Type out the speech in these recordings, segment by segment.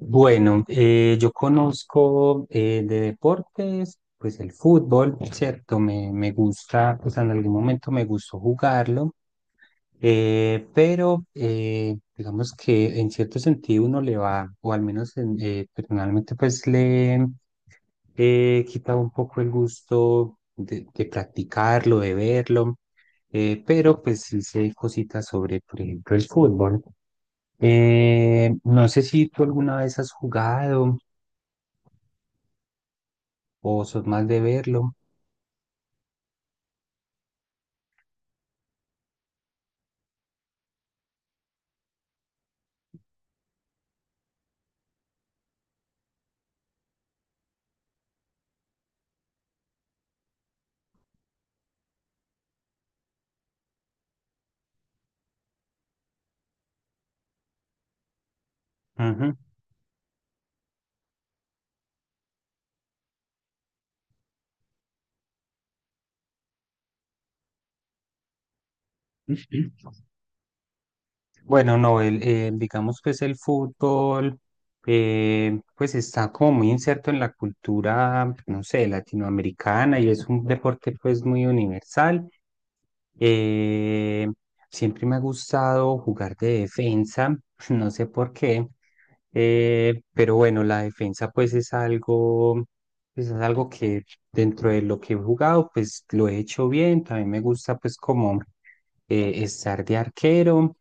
Bueno, yo conozco de deportes, pues el fútbol, ¿cierto? Me gusta, pues en algún momento me gustó jugarlo, pero digamos que en cierto sentido uno le va, o al menos personalmente, pues le he quitado un poco el gusto de practicarlo, de verlo. Pero pues sí sé cositas sobre, por ejemplo, el fútbol. No sé si tú alguna vez has jugado o sos más de verlo. Ujú. Bueno, no, digamos pues el fútbol, pues está como muy inserto en la cultura, no sé, latinoamericana, y es un deporte pues muy universal. Eh, Siempre me ha gustado jugar de defensa, no sé por qué, pero bueno, la defensa pues es algo que dentro de lo que he jugado pues lo he hecho bien. También me gusta pues como estar de arquero.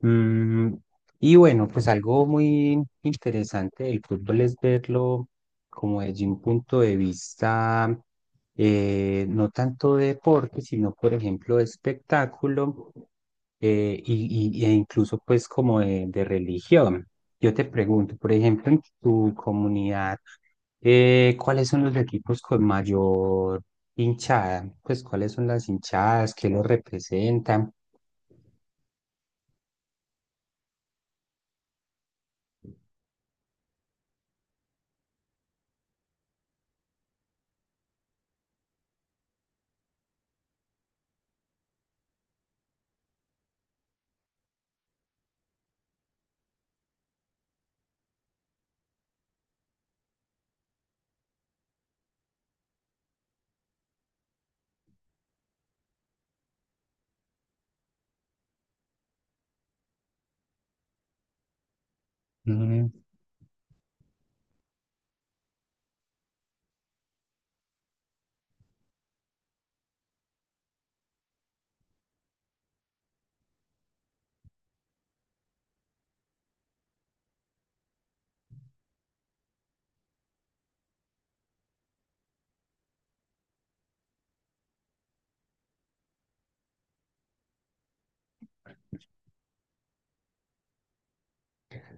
Mm, y bueno, pues algo muy interesante del fútbol es verlo como desde un punto de vista, no tanto de deporte, sino por ejemplo de espectáculo, e incluso pues como de religión. Yo te pregunto, por ejemplo, en tu comunidad, ¿cuáles son los equipos con mayor hinchada? Pues, ¿cuáles son las hinchadas que los representan?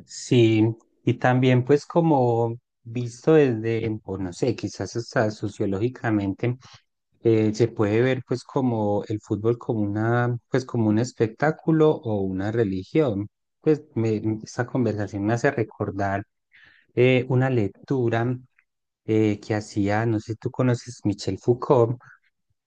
Sí, y también pues como visto desde, o no sé, quizás hasta sociológicamente, se puede ver pues como el fútbol como una, pues como un espectáculo o una religión. Esta conversación me hace recordar una lectura que hacía, no sé si tú conoces Michel Foucault,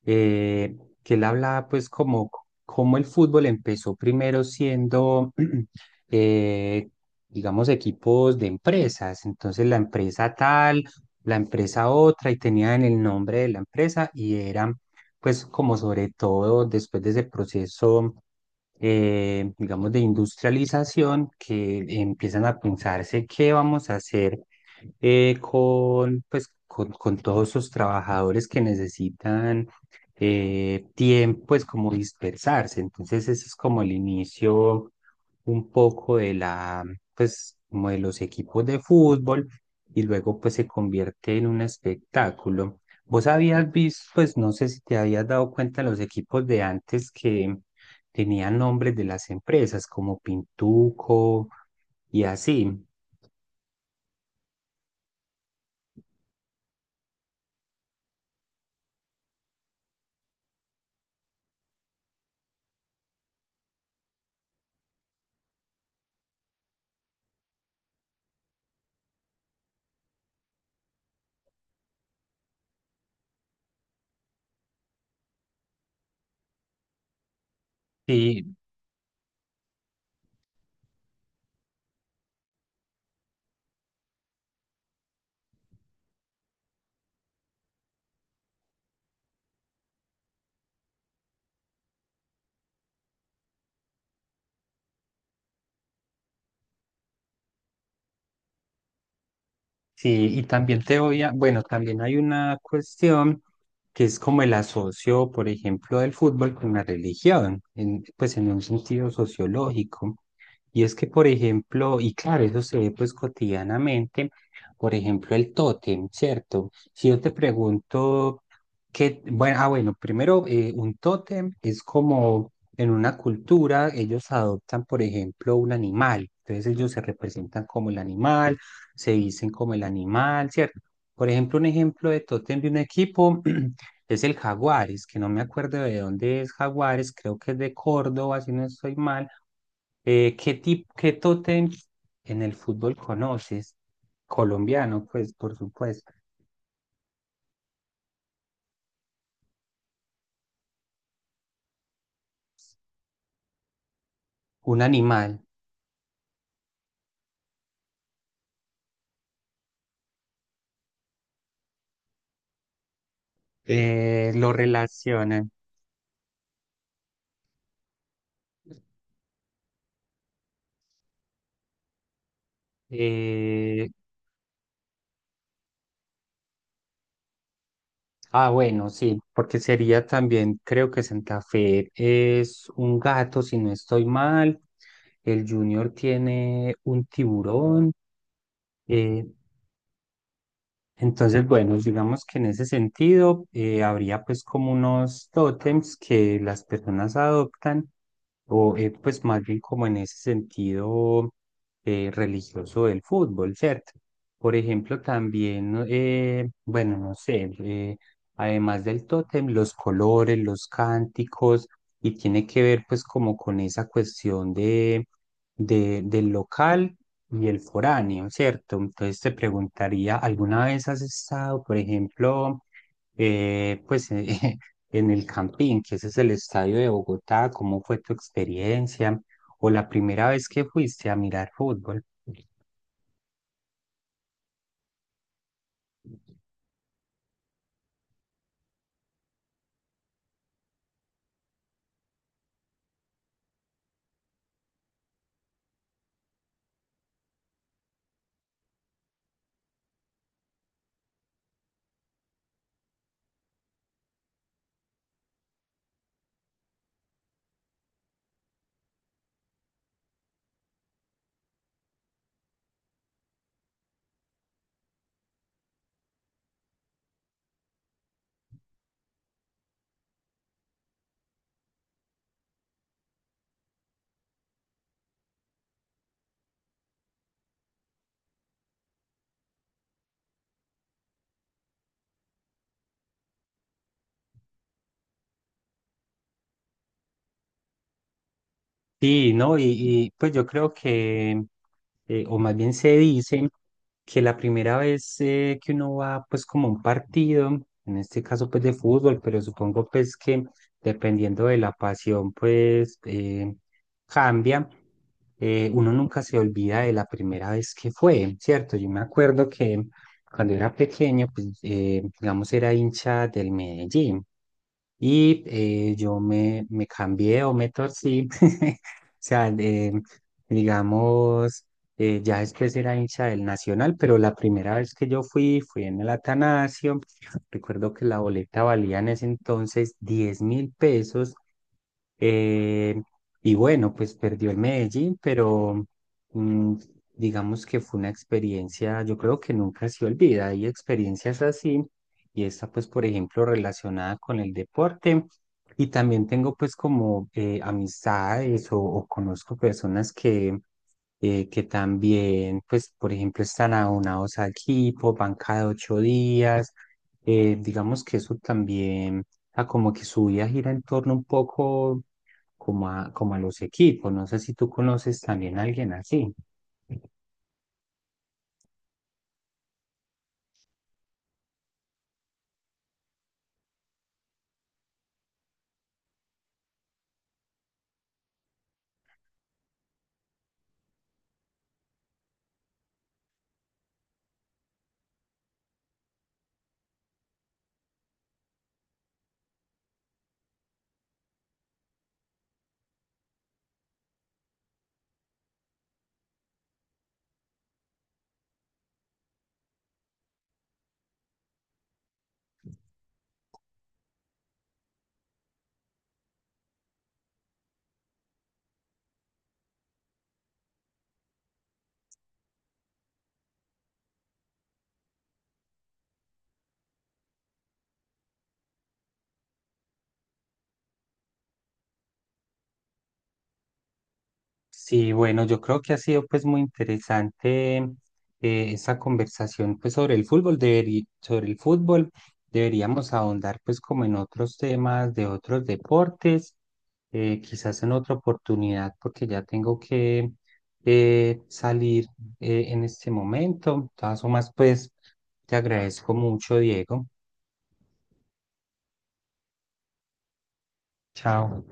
eh, que él hablaba pues como, como el fútbol empezó primero siendo eh, digamos, equipos de empresas. Entonces la empresa tal, la empresa otra, y tenían el nombre de la empresa y eran, pues, como sobre todo después de ese proceso, digamos, de industrialización, que empiezan a pensarse qué vamos a hacer con, pues, con todos esos trabajadores que necesitan, tiempo, pues como dispersarse. Entonces ese es como el inicio un poco de la, pues como de los equipos de fútbol, y luego pues se convierte en un espectáculo. Vos habías visto, pues no sé si te habías dado cuenta los equipos de antes que tenían nombres de las empresas, como Pintuco y así. Sí, sí, y también te voy a, bueno, también hay una cuestión que es como el asocio, por ejemplo, del fútbol con la religión, pues en un sentido sociológico. Y es que, por ejemplo, y claro, eso se ve pues cotidianamente, por ejemplo, el tótem, ¿cierto? Si yo te pregunto qué, bueno, ah, bueno, primero, un tótem es como en una cultura, ellos adoptan, por ejemplo, un animal, entonces ellos se representan como el animal, se dicen como el animal, ¿cierto? Por ejemplo, un ejemplo de tótem de un equipo es el Jaguares, que no me acuerdo de dónde es Jaguares, creo que es de Córdoba, si no estoy mal. ¿Qué tipo, qué tótem en el fútbol conoces? Colombiano, pues, por supuesto. Un animal. Lo relacionan. eh, Ah, bueno, sí, porque sería también, creo que Santa Fe es un gato, si no estoy mal. El Junior tiene un tiburón. Eh, entonces, bueno, digamos que en ese sentido, habría pues como unos tótems que las personas adoptan, o pues más bien como en ese sentido religioso del fútbol, ¿cierto? Por ejemplo, también, ¿no? Bueno, no sé, además del tótem, los colores, los cánticos, y tiene que ver pues como con esa cuestión de del local y el foráneo, ¿cierto? Entonces te preguntaría, ¿alguna vez has estado, por ejemplo, eh, pues eh, en el Campín, que ese es el estadio de Bogotá? ¿Cómo fue tu experiencia? ¿O la primera vez que fuiste a mirar fútbol? Sí, ¿no? Y pues yo creo que, o más bien se dice, que la primera vez que uno va pues como a un partido, en este caso pues de fútbol, pero supongo pues que dependiendo de la pasión pues cambia, uno nunca se olvida de la primera vez que fue, ¿cierto? Yo me acuerdo que cuando era pequeño pues, digamos, era hincha del Medellín. Y yo me cambié o me torcí. O sea, digamos, ya después era hincha del Nacional, pero la primera vez que yo fui, fui en el Atanasio. Recuerdo que la boleta valía en ese entonces 10.000 pesos, eh, y bueno, pues perdió el Medellín, pero, mm, digamos que fue una experiencia, yo creo que nunca se olvida. Hay experiencias así, y esta pues, por ejemplo, relacionada con el deporte. Y también tengo pues como amistades o conozco personas que también pues, por ejemplo, están aunados al equipo, van cada 8 días. Digamos que eso también sea, como que su vida gira en torno un poco como a, como a los equipos. No sé si tú conoces también a alguien así. Sí, bueno, yo creo que ha sido pues muy interesante esa conversación pues sobre el fútbol, sobre el fútbol deberíamos ahondar pues como en otros temas de otros deportes, quizás en otra oportunidad porque ya tengo que salir en este momento. De todas formas, pues te agradezco mucho, Diego. Chao.